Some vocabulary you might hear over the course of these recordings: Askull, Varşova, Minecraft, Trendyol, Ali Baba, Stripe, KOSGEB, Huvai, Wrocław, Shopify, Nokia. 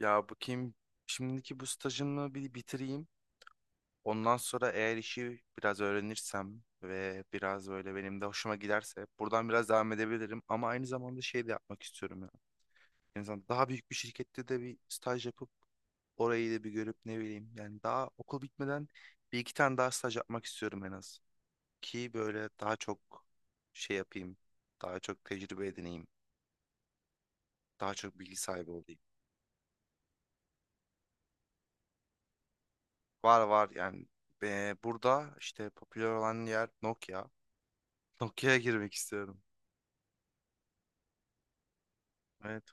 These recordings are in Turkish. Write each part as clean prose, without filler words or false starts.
Ya bakayım, şimdiki bu stajımı bir bitireyim. Ondan sonra eğer işi biraz öğrenirsem ve biraz böyle benim de hoşuma giderse buradan biraz devam edebilirim. Ama aynı zamanda şey de yapmak istiyorum ya. En azından daha büyük bir şirkette de bir staj yapıp orayı da bir görüp ne bileyim. Yani daha okul bitmeden bir iki tane daha staj yapmak istiyorum en az. Ki böyle daha çok şey yapayım. Daha çok tecrübe edineyim. Daha çok bilgi sahibi olayım. Var var yani. Burada işte popüler olan yer Nokia. Nokia'ya girmek istiyorum. Evet.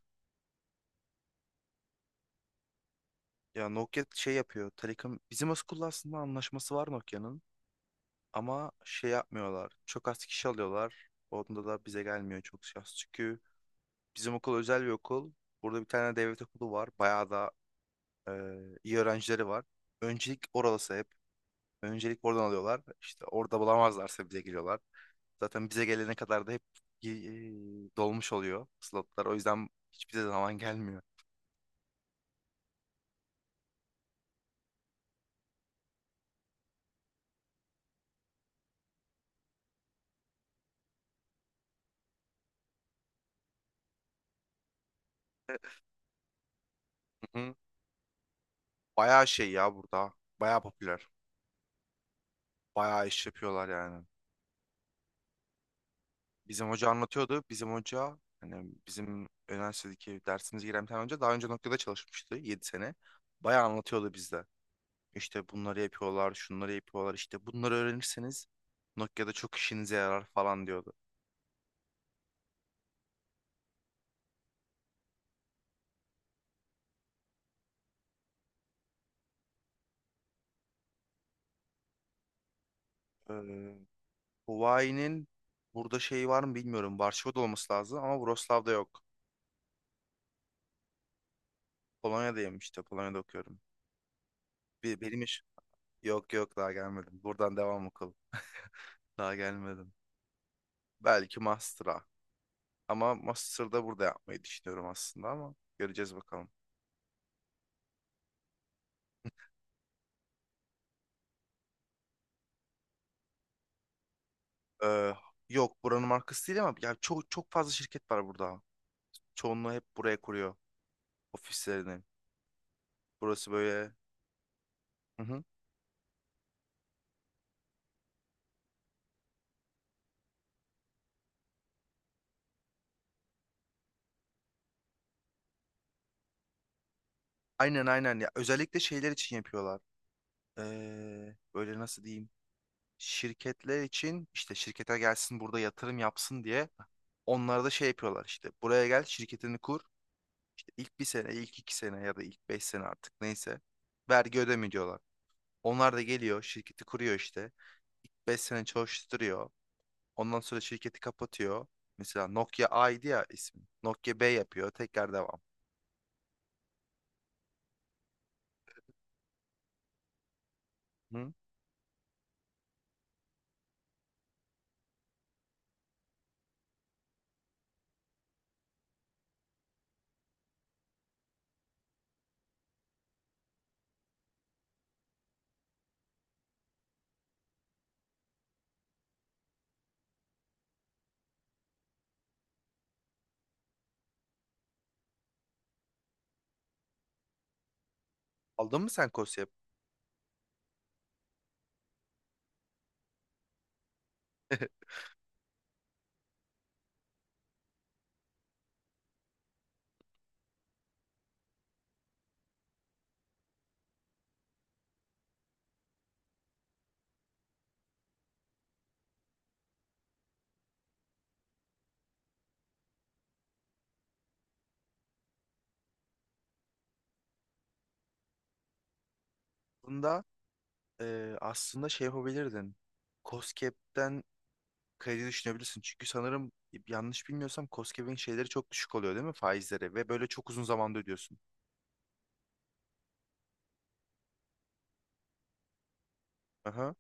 Ya Nokia şey yapıyor. Telekom bizim Askull'la aslında anlaşması var Nokia'nın, ama şey yapmıyorlar. Çok az kişi alıyorlar. Onda da bize gelmiyor çok şans. Çünkü bizim okul özel bir okul. Burada bir tane devlet okulu var. Bayağı da e, iyi öğrencileri var. Öncelik orası hep. Öncelik oradan alıyorlar. İşte orada bulamazlarsa bize geliyorlar. Zaten bize gelene kadar da hep e, dolmuş oluyor slotlar. O yüzden hiçbir zaman gelmiyor. Hı hı. Bayağı şey ya burada. Bayağı popüler. Bayağı iş yapıyorlar yani. Bizim hoca anlatıyordu. Bizim hoca hani bizim üniversitedeki dersimize giren bir tane hoca daha önce noktada çalışmıştı 7 sene. Bayağı anlatıyordu bizde. İşte bunları yapıyorlar, şunları yapıyorlar. İşte bunları öğrenirseniz Nokia'da çok işinize yarar falan diyordu. Ee, Huvai'nin burada şeyi var mı bilmiyorum. Varşova'da olması lazım ama Wrocław'da yok. Polonya'dayım işte. Polonya'da okuyorum. Bir, benim iş, yok yok daha gelmedim. Buradan devam okul. Daha gelmedim. Belki master'a. Ama master'da burada yapmayı düşünüyorum aslında, ama göreceğiz bakalım. Ee, Yok, buranın markası değil ama ya çok çok fazla şirket var burada. Çoğunluğu hep buraya kuruyor ofislerini. Burası böyle. Hı hı. Aynen aynen ya, özellikle şeyler için yapıyorlar. Böyle nasıl diyeyim? Şirketler için işte şirkete gelsin burada yatırım yapsın diye onlara da şey yapıyorlar, işte buraya gel şirketini kur, İşte ilk bir sene ilk iki sene ya da ilk beş sene artık neyse vergi ödeme diyorlar. Onlar da geliyor şirketi kuruyor, işte ilk beş sene çalıştırıyor, ondan sonra şirketi kapatıyor. Mesela Nokia A'ydı ya ismi, Nokia B yapıyor tekrar devam. Hı? Aldın mı sen KOSGEB? Bunda aslında şey yapabilirdin. KOSGEB'den kredi düşünebilirsin. Çünkü sanırım, yanlış bilmiyorsam, KOSGEB'in şeyleri çok düşük oluyor değil mi, faizleri, ve böyle çok uzun zamanda ödüyorsun. Aha.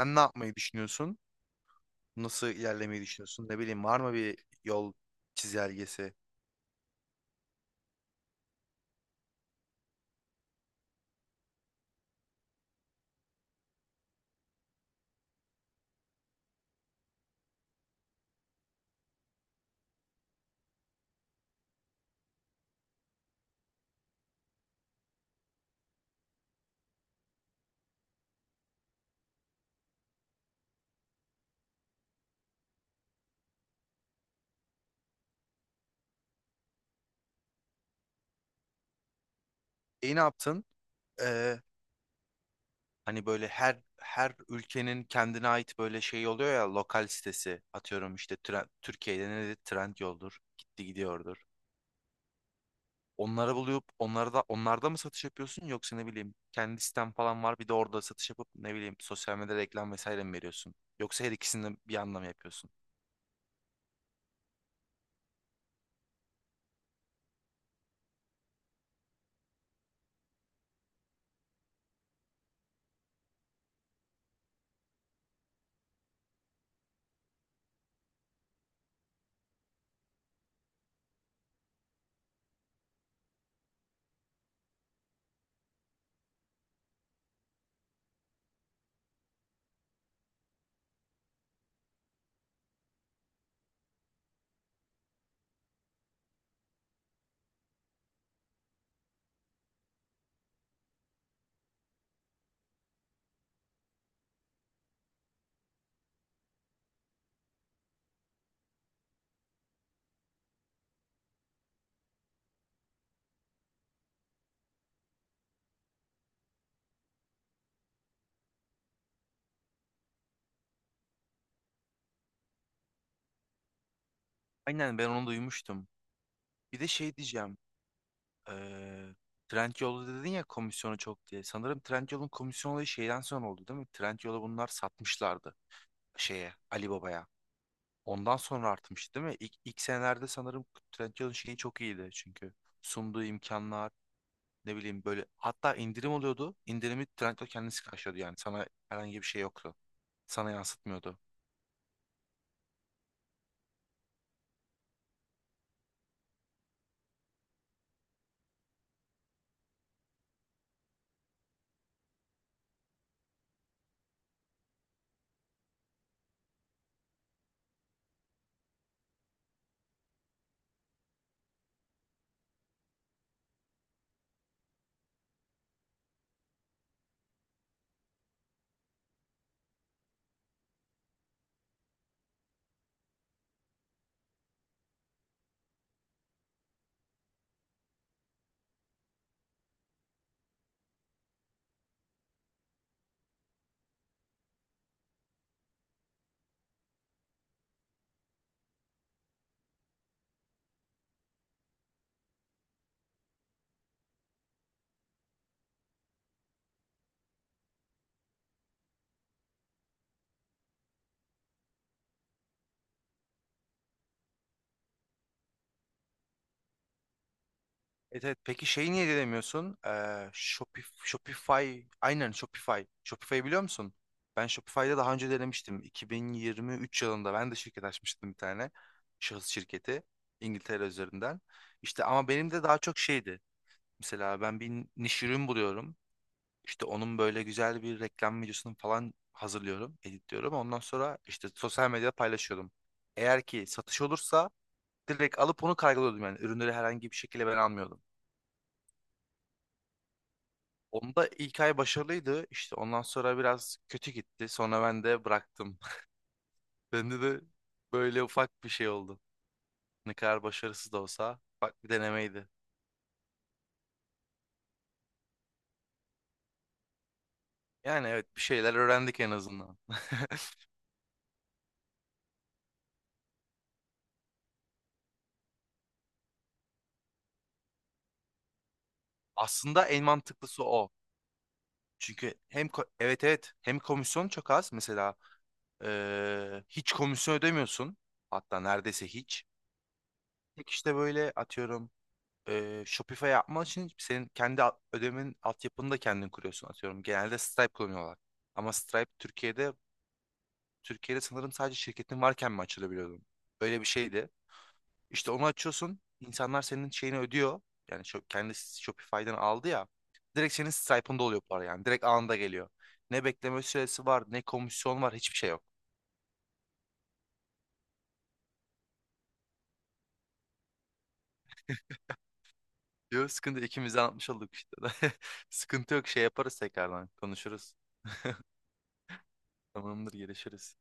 Sen ne yapmayı düşünüyorsun? Nasıl ilerlemeyi düşünüyorsun? Ne bileyim, var mı bir yol çizelgesi? E ne yaptın? Ee, Hani böyle her ülkenin kendine ait böyle şey oluyor ya, lokal sitesi, atıyorum işte Türkiye'de ne dedi? Trendyol'dur. Gitti gidiyordur. Onları bulup onlarda mı satış yapıyorsun, yoksa ne bileyim kendi sitem falan var bir de orada satış yapıp ne bileyim sosyal medyada reklam vesaire mi veriyorsun? Yoksa her ikisini de bir anda mı yapıyorsun? Aynen, ben onu duymuştum. Bir de şey diyeceğim. Eee Trendyol'da dedin ya komisyonu çok diye. Sanırım Trendyol'un komisyon olayı şeyden sonra oldu değil mi? Trendyol'u bunlar satmışlardı, şeye, Ali Baba'ya. Ondan sonra artmıştı değil mi? İlk senelerde sanırım Trendyol'un şeyi çok iyiydi, çünkü sunduğu imkanlar, ne bileyim böyle, hatta indirim oluyordu. İndirimi Trendyol kendisi karşılıyordu yani. Sana herhangi bir şey yoktu. Sana yansıtmıyordu. Evet evet. Peki şeyi niye denemiyorsun? Shopify. Aynen, Shopify. Shopify'ı biliyor musun? Ben Shopify'da daha önce denemiştim. 2023 yılında ben de şirket açmıştım bir tane. Şahıs şirketi. İngiltere üzerinden. İşte ama benim de daha çok şeydi. Mesela ben bir niş ürün buluyorum. İşte onun böyle güzel bir reklam videosunu falan hazırlıyorum, editliyorum. Ondan sonra işte sosyal medyada paylaşıyordum. Eğer ki satış olursa direkt alıp onu kaygılıyordum yani. Ürünleri herhangi bir şekilde ben almıyordum. Onda ilk ay başarılıydı. İşte ondan sonra biraz kötü gitti. Sonra ben de bıraktım. Bende de böyle ufak bir şey oldu. Ne kadar başarısız da olsa ufak bir denemeydi. Yani evet, bir şeyler öğrendik en azından. Aslında en mantıklısı o. Çünkü hem evet evet, hem komisyon çok az mesela. Hiç komisyon ödemiyorsun. Hatta neredeyse hiç. Tek işte böyle atıyorum, Shopify yapman için senin kendi ödemenin altyapını da kendin kuruyorsun atıyorum. Genelde Stripe kullanıyorlar. Ama Stripe Türkiye'de, sanırım sadece şirketin varken mi açılabiliyordun? Öyle bir şeydi. İşte onu açıyorsun. İnsanlar senin şeyini ödüyor. Yani şu, kendi Shopify'den aldı ya. Direkt senin Stripe'ında oluyor para yani. Direkt anında geliyor. Ne bekleme süresi var, ne komisyon var, hiçbir şey yok. Yok sıkıntı, ikimiz de anlatmış olduk işte. Sıkıntı yok, şey yaparız tekrardan konuşuruz. Tamamdır, gelişiriz.